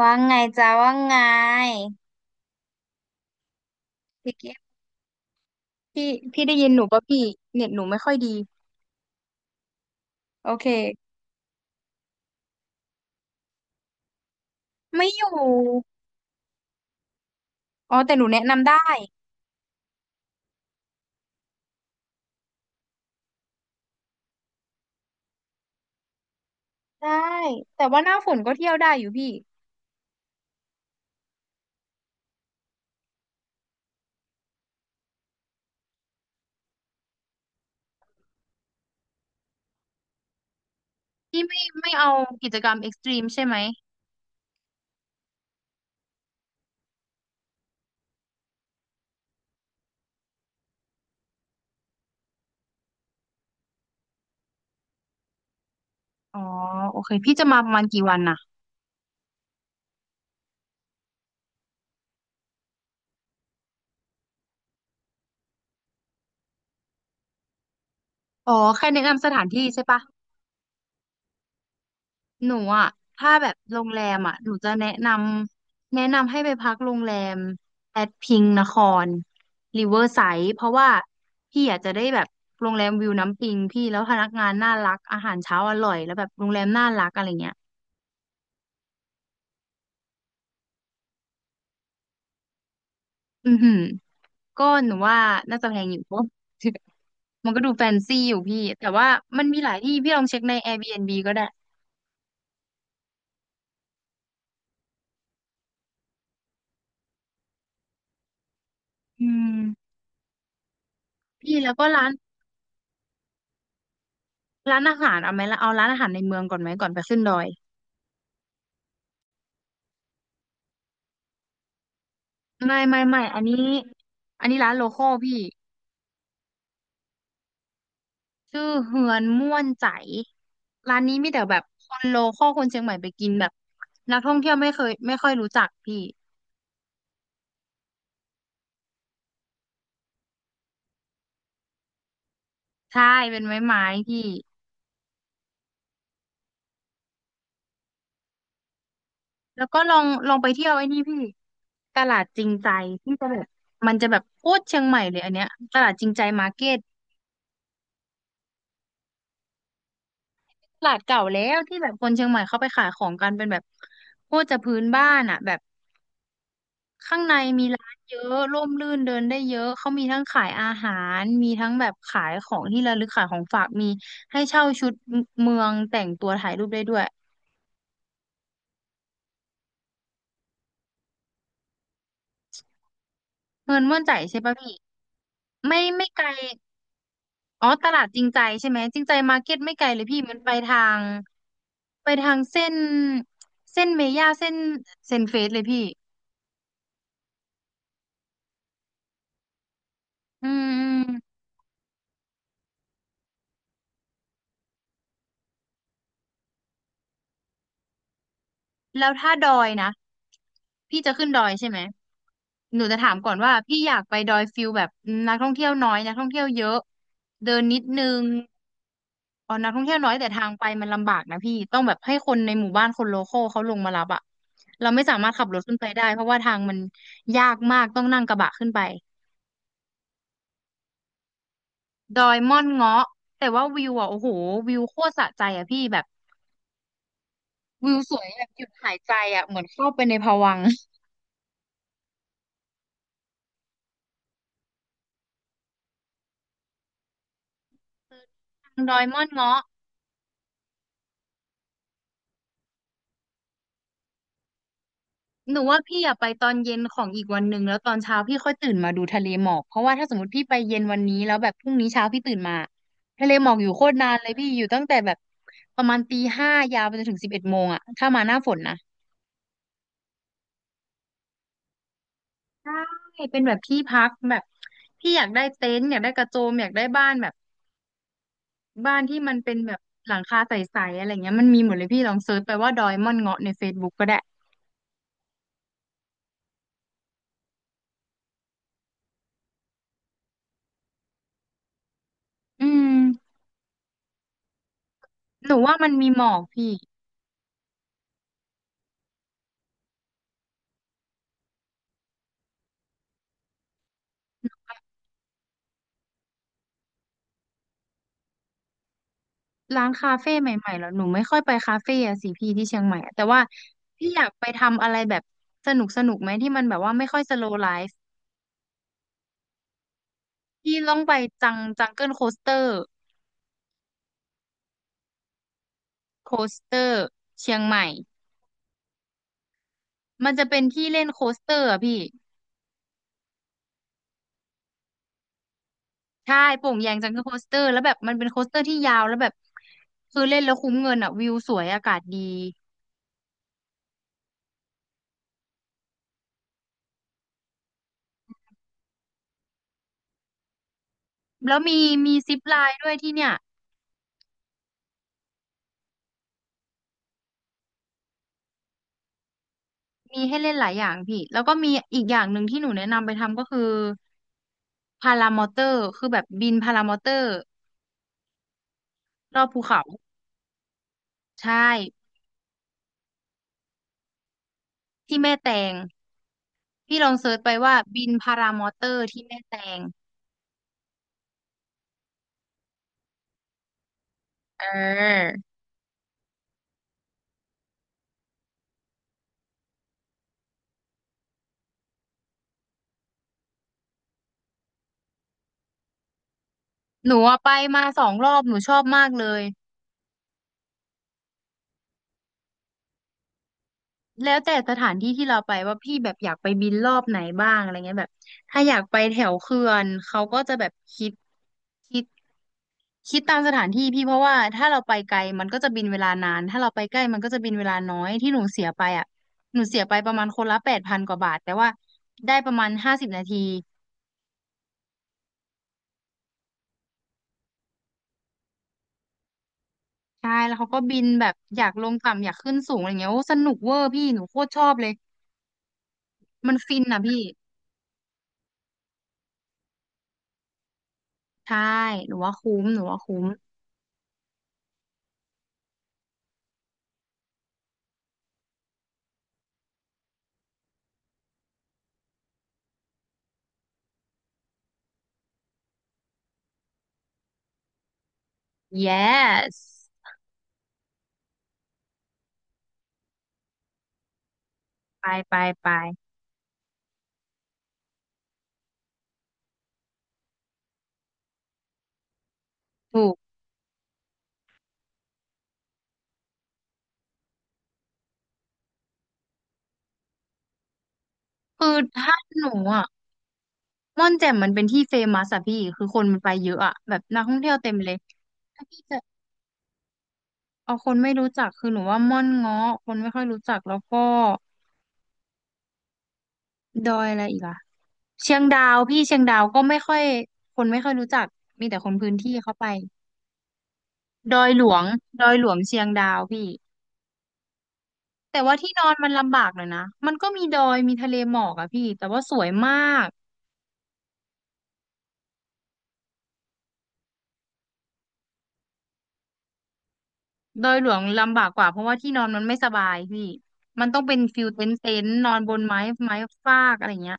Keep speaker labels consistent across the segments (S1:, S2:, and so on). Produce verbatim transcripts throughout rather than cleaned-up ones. S1: ว่าไงจ้าว่าไงพี่กิฟต์พี่พี่ได้ยินหนูป่ะพี่เน็ตหนูไม่ค่อยดีโอเคไม่อยู่อ๋อแต่หนูแนะนำได้ได้แต่ว่าหน้าฝนก็เที่ยวได้อยู่พี่พี่ไม่ไม่เอากิจกรรมเอ็กซ์ตรีมใช่ไหมอ๋อโอเคพี่จะมาประมาณกี่วันน่ะอ๋อแค่แนะนำสถานที่ใช่ปะ หนูอ่ะถ้าแบบโรงแรมอ่ะหนูจะแนะนำแนะนำให้ไปพักโรงแรมแอดพิงนครริเวอร์ไซด์เพราะว่าพี่อาจจะได้แบบโรงแรมวิวน้ำปิงพี่แล้วพนักงานน่ารักอาหารเช้าอร่อยแล้วแบบโรงแรมน่ารักอะไรเงี้ยอือหือก็หนูว่าน่าจะแพงอยู่ เพราะ มันก็ดูแฟนซีอยู่พี่แต่ว่ามันมีหลายที่พี่ลองเช็คใน Airbnb ก็ได้อืมพี่แล้วก็ร้านร้านอาหารเอาไหมล่ะเอาร้านอาหารในเมืองก่อนไหมก่อนไปขึ้นดอย ไม่ไม่ไม่อันนี้อันนี้ร้านโลคอลพี่ชื่อเฮือนม่วนใจร้านนี้มีแต่แบบคนโลคอลคนเชียงใหม่ไปกินแบบนักท่องเที่ยวไม่เคยไม่ค่อยรู้จักพี่ใช่เป็นไม้ไม้พี่แล้วก็ลองลองไปเที่ยวไอ้นี่พี่ตลาดจริงใจที่จะแบบมันจะแบบโคตรเชียงใหม่เลยอันเนี้ยตลาดจริงใจมาร์เก็ตตลาดเก่าแล้วที่แบบคนเชียงใหม่เขาไปขายของกันเป็นแบบโคตรจะพื้นบ้านอ่ะแบบ ข้างในมีร้านเยอะร่มรื่นเดินได้เยอะเขามีทั้งขายอาหารมีทั้งแบบขายของที่ระลึกขายของฝากมีให้เช่าชุดเมืองแต่งตัวถ่ายรูปได้ด้วยเงินม่วนใจใช่ปะพี่ไม่ไม่ไกลอ๋อตลาดจริงใจใช่ไหมจริงใจมาร์เก็ตไม่ไกลเลยพี่มันไปทางไปทางเส้นเส้นเมย่าเส้นเซนเฟสเลยพี่อืม แล้วถ้าดอยนะพี่จะขึ้นดอยใช่ไหมหนูจะถามก่อนว่าพี่อยากไปดอยฟิลแบบนักท่องเที่ยวน้อยนักท่องเที่ยวเยอะเดินนิดนึงอ๋อนักท่องเที่ยวน้อยแต่ทางไปมันลำบากนะพี่ต้องแบบให้คนในหมู่บ้านคนโลคอลเขาลงมารับอะเราไม่สามารถขับรถขึ้นไปได้เพราะว่าทางมันยากมากต้องนั่งกระบะขึ้นไปดอยม่อนเงาะแต่ว่าวิวอ่ะโอ้โหวิวโคตรสะใจอ่ะพี่แบบวิวสวยแบบหยุดหายใจอ่ะเหมือนเข้าไปในภวังค์ ดอยม่อนเงาะ หนูว่าพี่อยากไปตอนเย็นของอีกวันหนึ่งแล้วตอนเช้าพี่ค่อยตื่นมาดูทะเลหมอกเพราะว่าถ้าสมมติพี่ไปเย็นวันนี้แล้วแบบพรุ่งนี้เช้าพี่ตื่นมาทะเลหมอกอยู่โคตรนานเลยพี่อยู่ตั้งแต่แบบประมาณตีห้ายาวไปจนถึงสิบเอ็ดโมงอะถ้ามาหน้าฝนนะใช่เป็นแบบที่พักแบบพี่อยากได้เต็นท์อยากได้กระโจมอยากได้บ้านแบบบ้านที่มันเป็นแบบหลังคาใสๆอะไรเงี้ยมันมีหมดเลยพี่ลองเซิร์ชไปว่าดอยม่อนเงาะในเฟซ e ุ๊กก็ได้อืมหนูว่ามันมีหมอกพี่ ร้านคาเฟ่ใหม่ๆแล้วหนูไม่ค่อยไปคาเฟ่อะสิพี่ที่เชียงใหม่อะแต่ว่าพี่อยากไปทำอะไรแบบสนุกสนุกไหมที่มันแบบว่าไม่ค่อยสโลว์ไลฟ์พี่ต้องไปจังจังเกิลโคสเตอร์โคสเตอร์เชียงใหม่มันจะเป็นที่เล่นโคสเตอร์อะพี่ใช่โป่งแยงจังเกิลโคสเตอร์แล้วแบบมันเป็นโคสเตอร์ที่ยาวแล้วแบบคือเล่นแล้วคุ้มเงินอะวิวสวยอากาศดีแล้วมีมีซิปไลน์ด้วยที่เนี่ยมีให้เล่นหลายอย่างพี่แล้วก็มีอีกอย่างหนึ่งที่หนูแนะนำไปทำก็คือ พารามอเตอร์คือแบบบินพารามอเตอร์รอบภูเขาใช่ที่แม่แตงพี่ลองเซิร์ชไปว่าบินพารามอเตอร์ที่แม่แตงเออหนูอะไปมาสองรอบหนูชอบมากเลยแล้วแต่สถานที่ที่เราไปว่าพี่แบบอยากไปบินรอบไหนบ้างอะไรเงี้ยแบบถ้าอยากไปแถวเขื่อนเขาก็จะแบบคิดคิด คิดตามสถานที่พี่เพราะว่าถ้าเราไปไกลมันก็จะบินเวลานานถ้าเราไปใกล้มันก็จะบินเวลาน้อยที่หนูเสียไปอ่ะหนูเสียไปประมาณคนละแปดพันกว่าบาทแต่ว่าได้ประมาณห้าสิบนาทีใช่แล้วเขาก็บินแบบอยากลงต่ำอยากขึ้นสูงอะไรเงี้ยโอ้สนุกเวอร์พี่หนูโคตรชอบเลยมันฟินอ่ะพี่ใช่หนูว่าคุ้มหนูว่าคุ้ม yes ไปไปไปถูกคือถ้าหนูอ่ะม่อนแจ่มมันเป็นที่เฟมัสอะพี่คือคนมันไปเยอะอะแบบนักท่องเที่ยวเต็มเลยถ้าพี่จะ เอาคนไม่รู้จักคือหนูว่าม่อนเงาะคนไม่ค่อยรู้จักแล้วก็ดอยอะไรอีกอะเชียงดาวพี่เชียงดาวก็ไม่ค่อยคนไม่ค่อยรู้จักมีแต่คนพื้นที่เข้าไปดอยหลวงดอยหลวงเชียงดาวพี่แต่ว่าที่นอนมันลำบากหน่อยนะมันก็มีดอยมีทะเลหมอกอะพี่แต่ว่าสวยมากดอยหลวงลำบากกว่าเพราะว่าที่นอนมันไม่สบายพี่มันต้องเป็นฟิลเต็นท์เต็นท์นอนบนไม้ไม้ฟากอะไรเงี้ย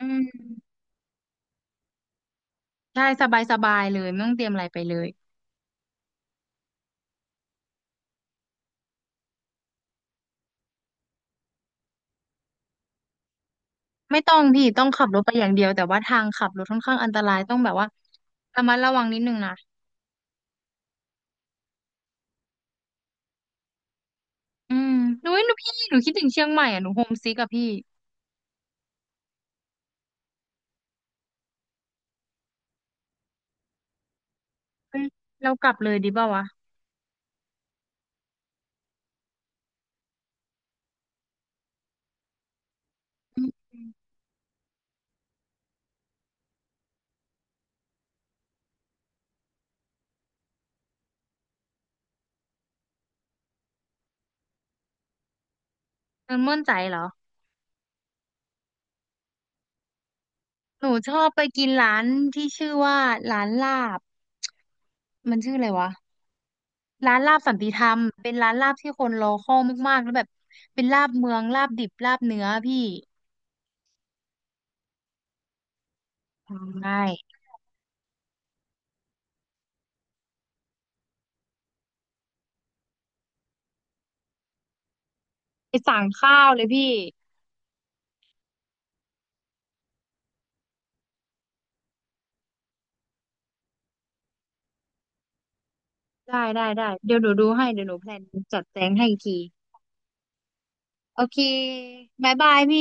S1: อืมใช่สบายสบายเลยไม่ต้องเตรียมอะไรไปเลย ไม่ต้องพี่ต้องขับรถไปอย่างเดียวแต่ว่าทางขับรถค่อนข้างอันตรายต้องแบบว่าระมัดระวังนิดนึงนะอืมหนูเอ้ยหนูพี่หนูคิดถึงเชียงใหม่อ่ะหนูโฮมซิกอะพี่เอ้ยเรากลับเลยดีเปล่าวะอืมเออม่วนใจเหรอหนูชอบไปกินร้านที่ชื่อว่าร้านลาบมันชื่ออะไรวะร้านลาบสันติธรรมเป็นร้านลาบที่คนรอคอยมากๆแล้วแบบเป็นลาบเมืองลาบดิบลาบเนื้อพี่ใช่ไปสั่งข้าวเลยพี่ได้ได้ได้เดี๋ยวหนูดูให้เดี๋ยวหนูแพลนจัดแจงให้อีกที โอเคบายบายพี่